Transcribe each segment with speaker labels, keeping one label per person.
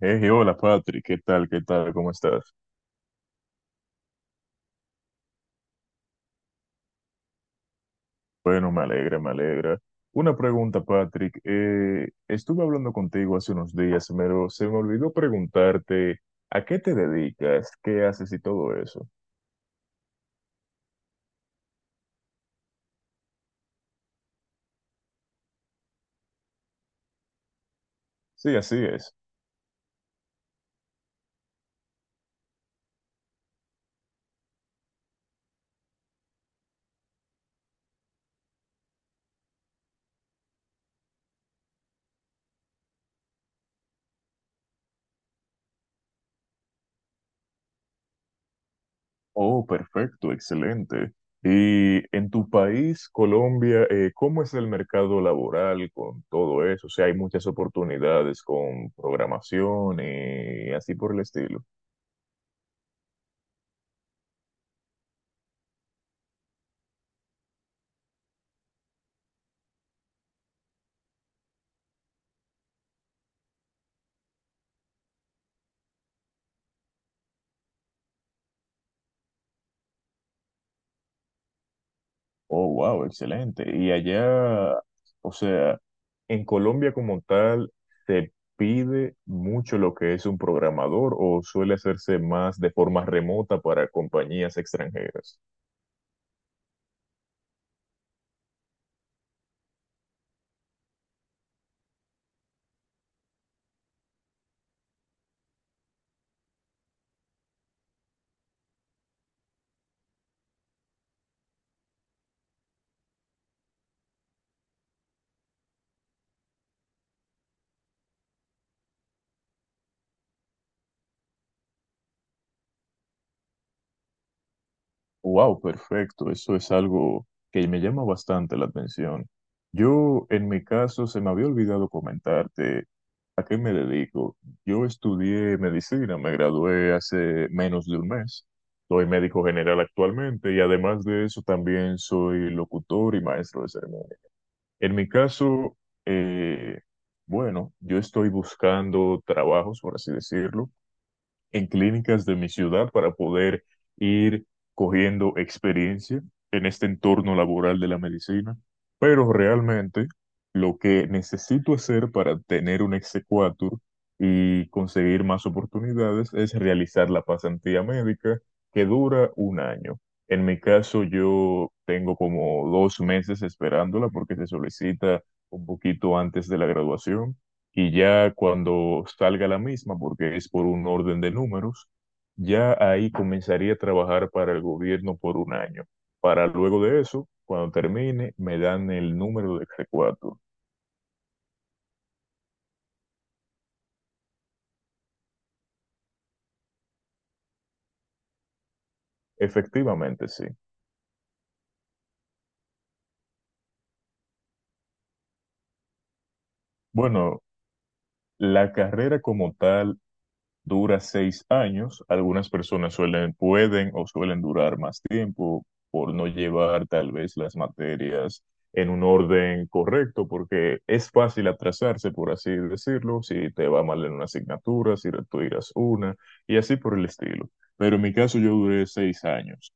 Speaker 1: Hey, hola Patrick, ¿qué tal? ¿Qué tal? ¿Cómo estás? Bueno, me alegra, me alegra. Una pregunta, Patrick. Estuve hablando contigo hace unos días, pero se me olvidó preguntarte ¿a qué te dedicas? ¿Qué haces y todo eso? Sí, así es. Oh, perfecto, excelente. Y en tu país, Colombia, ¿cómo es el mercado laboral con todo eso? O sea, hay muchas oportunidades con programación y así por el estilo. Oh, wow, excelente. Y allá, o sea, en Colombia como tal, ¿se pide mucho lo que es un programador o suele hacerse más de forma remota para compañías extranjeras? Wow, perfecto. Eso es algo que me llama bastante la atención. Yo, en mi caso, se me había olvidado comentarte a qué me dedico. Yo estudié medicina, me gradué hace menos de un mes. Soy médico general actualmente y además de eso también soy locutor y maestro de ceremonia. En mi caso, eh, bueno, yo estoy buscando trabajos, por así decirlo en clínicas de mi ciudad para poder ir cogiendo experiencia en este entorno laboral de la medicina, pero realmente lo que necesito hacer para tener un exequatur y conseguir más oportunidades es realizar la pasantía médica que dura 1 año. En mi caso, yo tengo como 2 meses esperándola porque se solicita un poquito antes de la graduación y ya cuando salga la misma, porque es por un orden de números, ya ahí comenzaría a trabajar para el gobierno por 1 año. Para luego de eso, cuando termine, me dan el número de c. Efectivamente, sí. Bueno, la carrera como tal dura 6 años. Algunas personas suelen, pueden o suelen durar más tiempo por no llevar tal vez las materias en un orden correcto, porque es fácil atrasarse, por así decirlo, si te va mal en una asignatura, si retiras una, y así por el estilo. Pero en mi caso yo duré 6 años.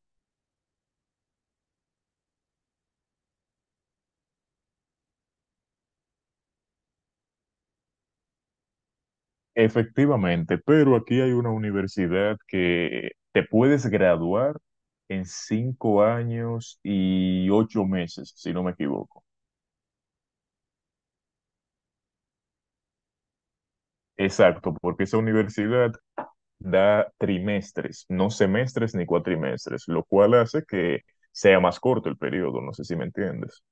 Speaker 1: Efectivamente, pero aquí hay una universidad que te puedes graduar en 5 años y 8 meses, si no me equivoco. Exacto, porque esa universidad da trimestres, no semestres ni cuatrimestres, lo cual hace que sea más corto el periodo, no sé si me entiendes.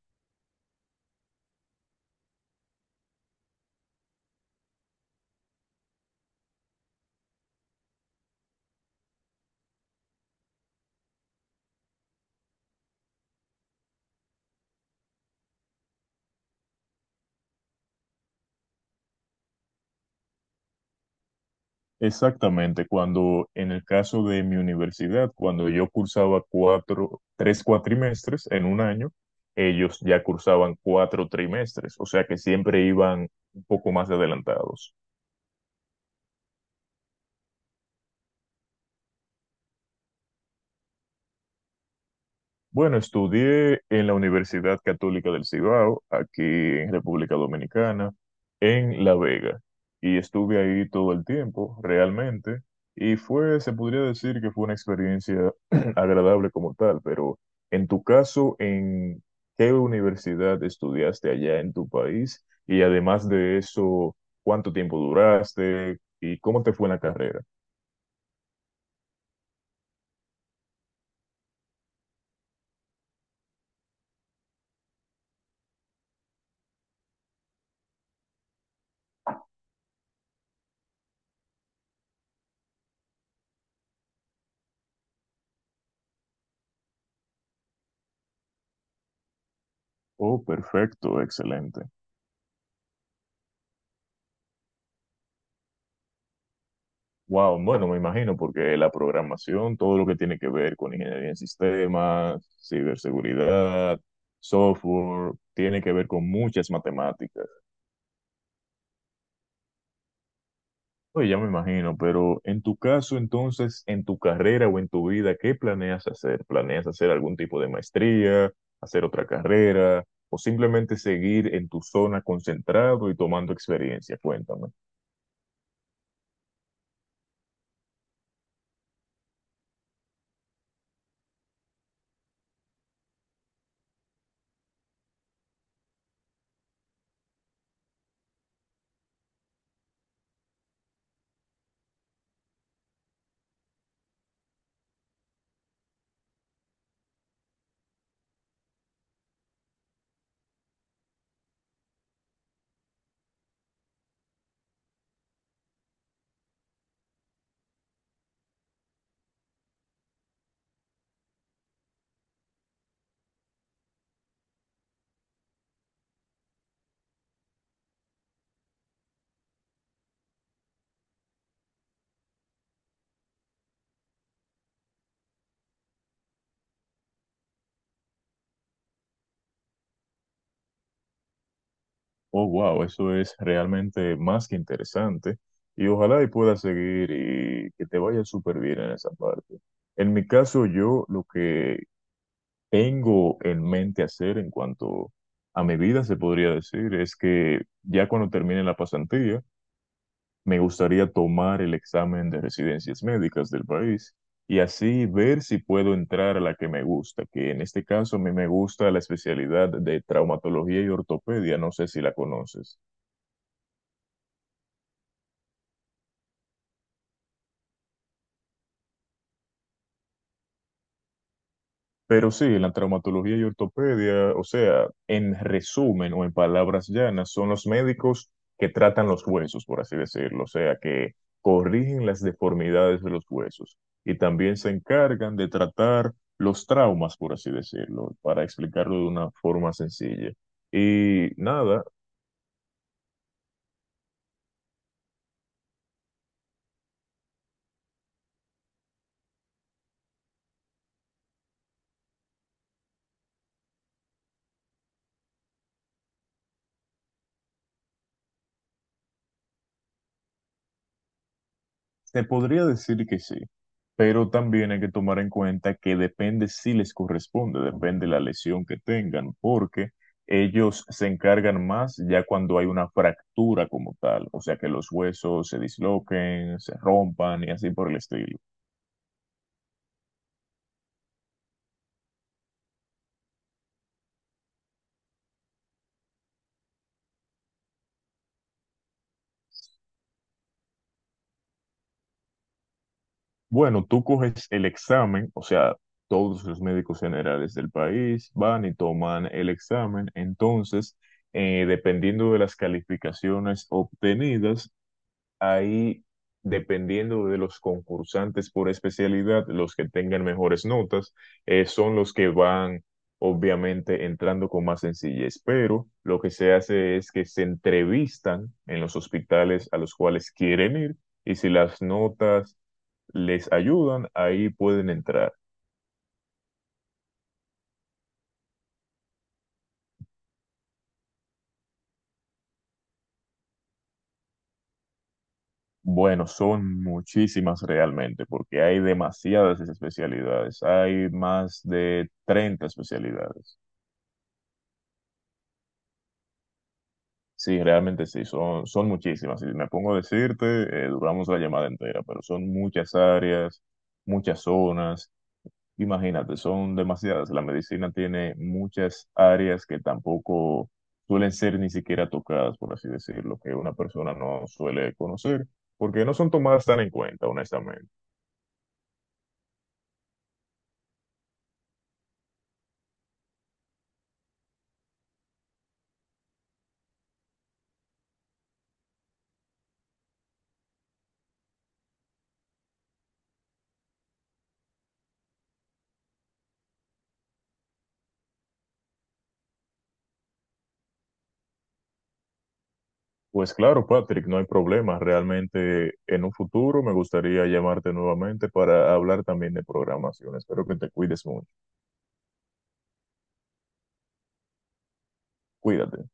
Speaker 1: Exactamente, cuando en el caso de mi universidad, cuando yo cursaba cuatro, tres cuatrimestres en un año, ellos ya cursaban cuatro trimestres, o sea que siempre iban un poco más adelantados. Bueno, estudié en la Universidad Católica del Cibao, aquí en República Dominicana, en La Vega, y estuve ahí todo el tiempo, realmente, y fue, se podría decir que fue una experiencia agradable como tal, pero en tu caso, ¿en qué universidad estudiaste allá en tu país? Y además de eso, ¿cuánto tiempo duraste y cómo te fue en la carrera? Oh, perfecto, excelente. Wow, bueno, me imagino, porque la programación, todo lo que tiene que ver con ingeniería en sistemas, ciberseguridad, software, tiene que ver con muchas matemáticas. Oye, ya me imagino, pero en tu caso, entonces, en tu carrera o en tu vida, ¿qué planeas hacer? ¿Planeas hacer algún tipo de maestría, hacer otra carrera, o simplemente seguir en tu zona concentrado y tomando experiencia? Cuéntame. Oh, wow, eso es realmente más que interesante. Y ojalá y puedas seguir y que te vaya súper bien en esa parte. En mi caso, yo lo que tengo en mente hacer en cuanto a mi vida, se podría decir, es que ya cuando termine la pasantía, me gustaría tomar el examen de residencias médicas del país y así ver si puedo entrar a la que me gusta, que en este caso a mí me gusta la especialidad de traumatología y ortopedia, no sé si la conoces. Pero sí, la traumatología y ortopedia, o sea, en resumen o en palabras llanas, son los médicos que tratan los huesos, por así decirlo, o sea, que corrigen las deformidades de los huesos y también se encargan de tratar los traumas, por así decirlo, para explicarlo de una forma sencilla. Y nada, te podría decir que sí, pero también hay que tomar en cuenta que depende si les corresponde, depende la lesión que tengan, porque ellos se encargan más ya cuando hay una fractura como tal, o sea que los huesos se disloquen, se rompan y así por el estilo. Bueno, tú coges el examen, o sea, todos los médicos generales del país van y toman el examen, entonces dependiendo de las calificaciones obtenidas, ahí, dependiendo de los concursantes por especialidad, los que tengan mejores notas son los que van, obviamente, entrando con más sencillez. Pero lo que se hace es que se entrevistan en los hospitales a los cuales quieren ir y si las notas les ayudan, ahí pueden entrar. Bueno, son muchísimas realmente, porque hay demasiadas especialidades, hay más de 30 especialidades. Sí, realmente sí, son, son muchísimas. Si me pongo a decirte, duramos la llamada entera, pero son muchas áreas, muchas zonas. Imagínate, son demasiadas. La medicina tiene muchas áreas que tampoco suelen ser ni siquiera tocadas, por así decirlo, que una persona no suele conocer, porque no son tomadas tan en cuenta, honestamente. Pues claro, Patrick, no hay problema. Realmente en un futuro me gustaría llamarte nuevamente para hablar también de programación. Espero que te cuides mucho. Cuídate.